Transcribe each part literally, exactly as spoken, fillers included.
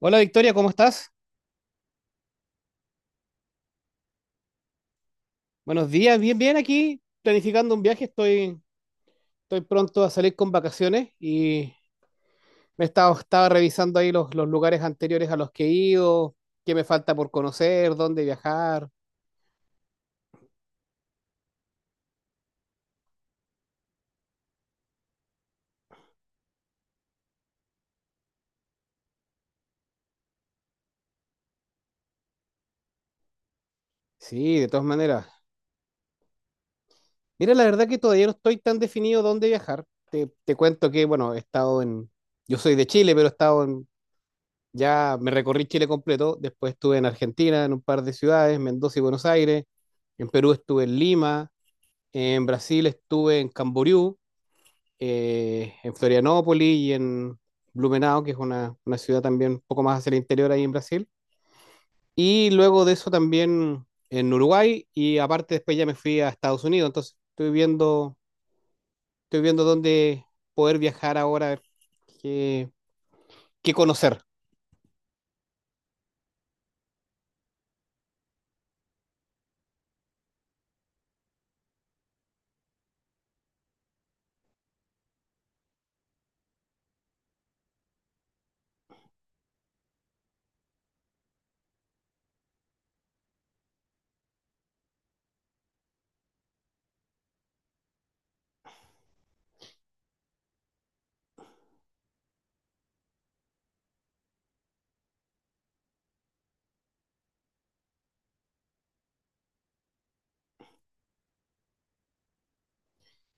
Hola Victoria, ¿cómo estás? Buenos días, bien, bien aquí, planificando un viaje, estoy, estoy pronto a salir con vacaciones y me estaba, estaba revisando ahí los, los lugares anteriores a los que he ido, qué me falta por conocer, dónde viajar. Sí, de todas maneras. Mira, la verdad que todavía no estoy tan definido dónde viajar. Te, te cuento que, bueno, he estado en, yo soy de Chile, pero he estado en, ya me recorrí Chile completo, después estuve en Argentina, en un par de ciudades, Mendoza y Buenos Aires, en Perú estuve en Lima. En Brasil estuve en Camboriú, eh, en Florianópolis y en Blumenau, que es una, una ciudad también un poco más hacia el interior ahí en Brasil. Y luego de eso también en Uruguay y aparte después ya me fui a Estados Unidos. Entonces estoy viendo, estoy viendo dónde poder viajar ahora, a ver qué, qué conocer.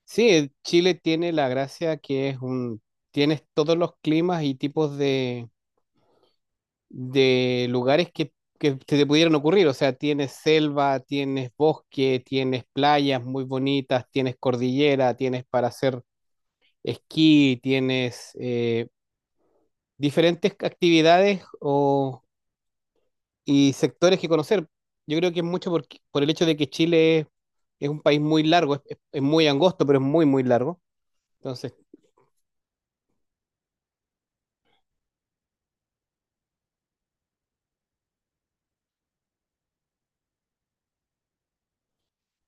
Sí, Chile tiene la gracia que es un, tienes todos los climas y tipos de de lugares que, que se te pudieran ocurrir. O sea, tienes selva, tienes bosque, tienes playas muy bonitas, tienes cordillera, tienes para hacer esquí, tienes eh, diferentes actividades o, y sectores que conocer. Yo creo que es mucho por, por el hecho de que Chile es, es un país muy largo, es, es- es muy angosto, pero es muy, muy largo. Entonces,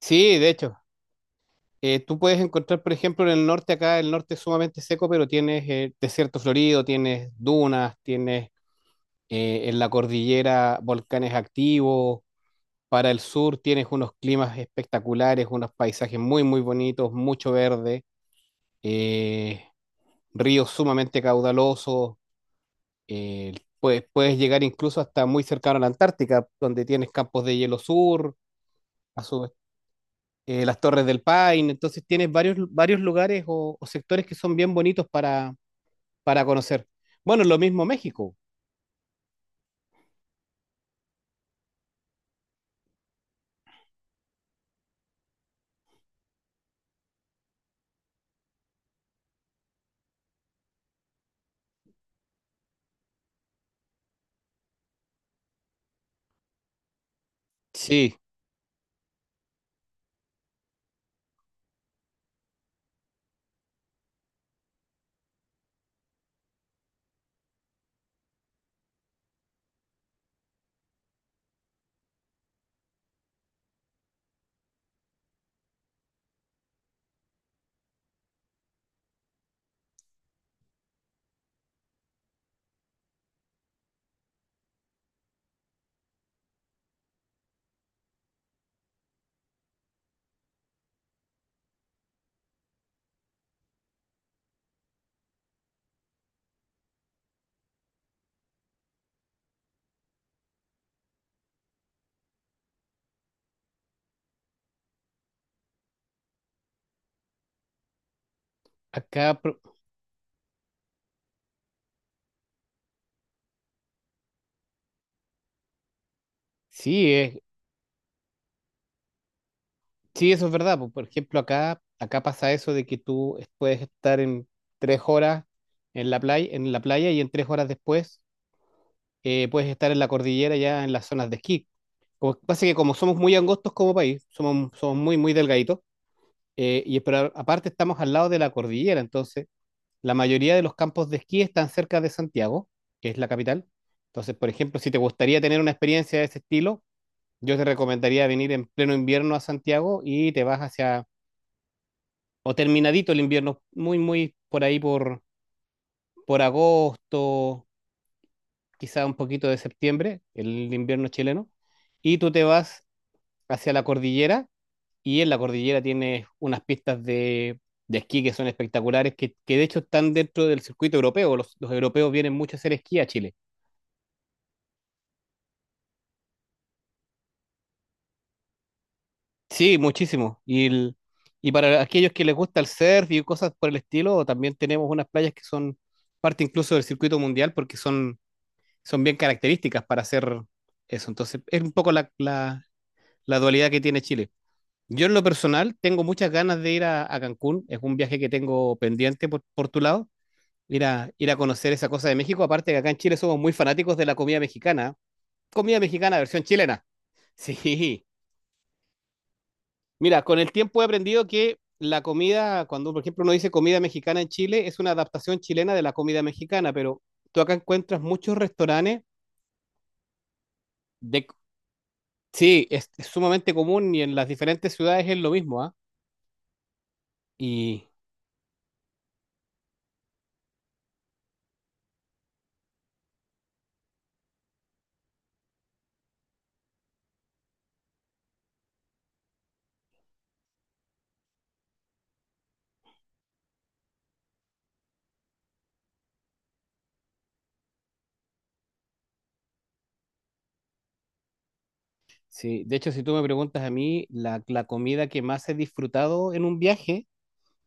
sí, de hecho, Eh, tú puedes encontrar, por ejemplo, en el norte, acá el norte es sumamente seco, pero tienes eh, desierto florido, tienes dunas, tienes eh, en la cordillera volcanes activos. Para el sur tienes unos climas espectaculares, unos paisajes muy, muy bonitos, mucho verde, eh, ríos sumamente caudalosos. eh, puedes, puedes llegar incluso hasta muy cercano a la Antártica, donde tienes campos de hielo sur. A su eh, las Torres del Paine, entonces tienes varios, varios lugares o, o sectores que son bien bonitos para, para conocer. Bueno, lo mismo México. Sí, acá, pro- sí, es, sí, eso es verdad. Po. Por ejemplo, acá, acá pasa eso de que tú es- puedes estar en tres horas en la playa, en la playa y en tres horas después, eh, puedes estar en la cordillera ya en las zonas de esquí. Como, pasa que como somos muy angostos como país, somos, somos muy, muy delgaditos, eh, y pero aparte estamos al lado de la cordillera, entonces la mayoría de los campos de esquí están cerca de Santiago, que es la capital. Entonces, por ejemplo, si te gustaría tener una experiencia de ese estilo, yo te recomendaría venir en pleno invierno a Santiago y te vas hacia, o terminadito el invierno, muy, muy por ahí por, por agosto, quizá un poquito de septiembre, el invierno chileno, y tú te vas hacia la cordillera y en la cordillera tienes unas pistas de, de esquí que son espectaculares, que, que de hecho están dentro del circuito europeo. Los, los europeos vienen mucho a hacer esquí a Chile. Sí, muchísimo. Y, el- y para aquellos que les gusta el surf y cosas por el estilo, también tenemos unas playas que son parte incluso del circuito mundial porque son, son bien características para hacer eso. Entonces, es un poco la, la- la dualidad que tiene Chile. Yo en lo personal tengo muchas ganas de ir a, a Cancún. Es un viaje que tengo pendiente por, por tu lado. Ir a, ir a conocer esa cosa de México. Aparte que acá en Chile somos muy fanáticos de la comida mexicana. Comida mexicana versión chilena. Sí. Mira, con el tiempo he aprendido que la comida, cuando por ejemplo uno dice comida mexicana en Chile, es una adaptación chilena de la comida mexicana, pero tú acá encuentras muchos restaurantes de... Sí, es, es sumamente común y en las diferentes ciudades es lo mismo, ¿ah? Y sí, de hecho, si tú me preguntas a mí, la, la comida que más he disfrutado en un viaje,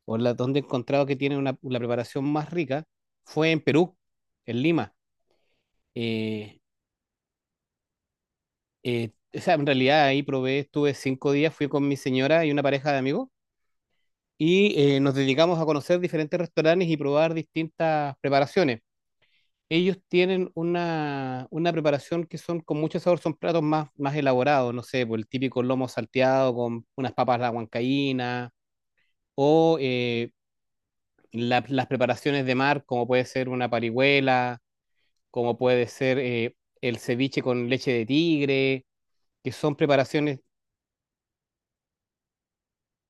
o la donde he encontrado que tiene una, la preparación más rica, fue en Perú, en Lima. Eh, eh, o sea, en realidad ahí probé, estuve cinco días, fui con mi señora y una pareja de amigos y eh, nos dedicamos a conocer diferentes restaurantes y probar distintas preparaciones. Ellos tienen una, una preparación que son con mucho sabor, son platos más, más elaborados, no sé, por el típico lomo salteado con unas papas a la huancaína o eh, la- las preparaciones de mar, como puede ser una parihuela, como puede ser eh, el ceviche con leche de tigre, que son preparaciones.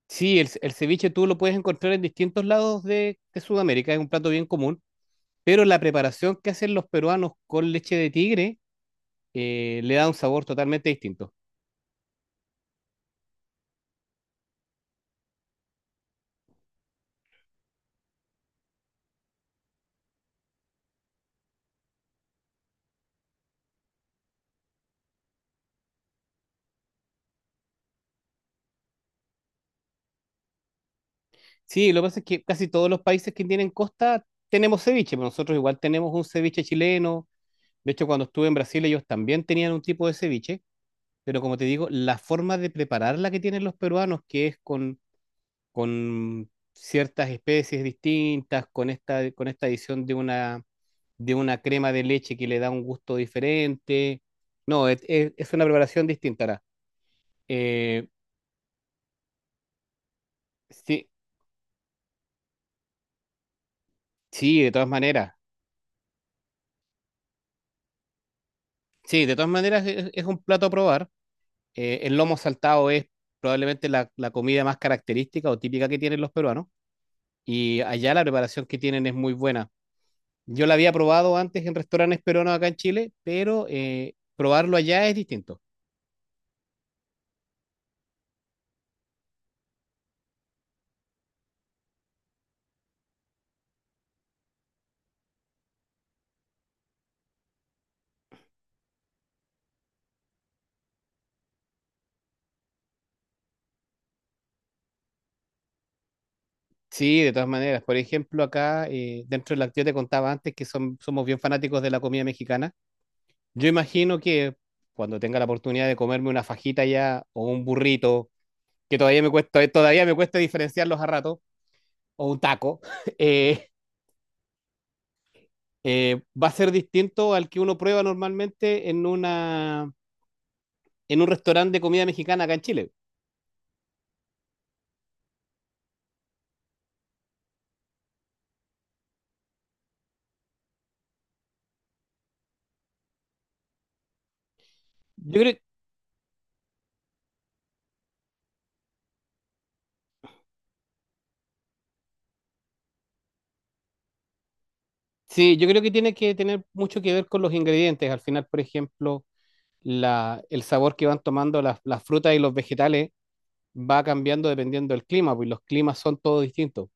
Sí, el, el ceviche tú lo puedes encontrar en distintos lados de de Sudamérica, es un plato bien común. Pero la preparación que hacen los peruanos con leche de tigre, eh, le da un sabor totalmente distinto. Sí, lo que pasa es que casi todos los países que tienen costa tenemos ceviche, pero nosotros igual tenemos un ceviche chileno. De hecho, cuando estuve en Brasil, ellos también tenían un tipo de ceviche, pero como te digo, la forma de prepararla que tienen los peruanos, que es con, con ciertas especies distintas, con esta, con esta adición de una, de una crema de leche que le da un gusto diferente. No, es, es- es una preparación distinta. Ara. Eh, sí, sí, de todas maneras. Sí, de todas maneras es, es un plato a probar. Eh, el lomo saltado es probablemente la, la comida más característica o típica que tienen los peruanos. Y allá la preparación que tienen es muy buena. Yo la había probado antes en restaurantes peruanos acá en Chile, pero eh, probarlo allá es distinto. Sí, de todas maneras. Por ejemplo, acá eh, dentro de la yo te contaba antes que son- somos bien fanáticos de la comida mexicana. Yo imagino que cuando tenga la oportunidad de comerme una fajita allá o un burrito que todavía me cuesta, eh, todavía me cuesta diferenciarlos a rato, o un taco, eh, eh, va a ser distinto al que uno prueba normalmente en una, en un restaurante de comida mexicana acá en Chile. Yo creo, sí, yo creo que tiene que tener mucho que ver con los ingredientes. Al final, por ejemplo, la, el sabor que van tomando las, las frutas y los vegetales va cambiando dependiendo del clima, pues los climas son todos distintos.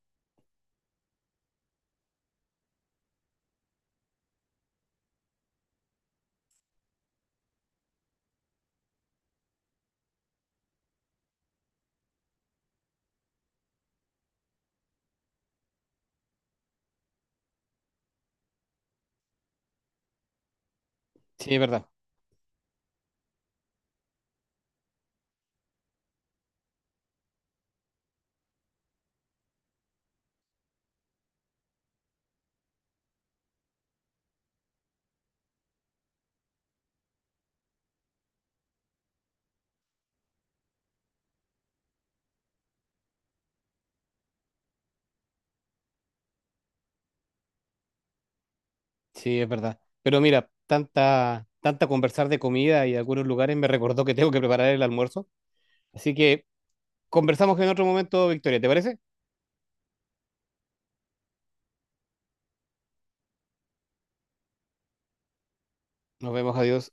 Sí, es verdad, sí, es verdad. Pero mira, tanta, tanta conversar de comida y de algunos lugares me recordó que tengo que preparar el almuerzo. Así que conversamos en otro momento, Victoria, ¿te parece? Nos vemos, adiós.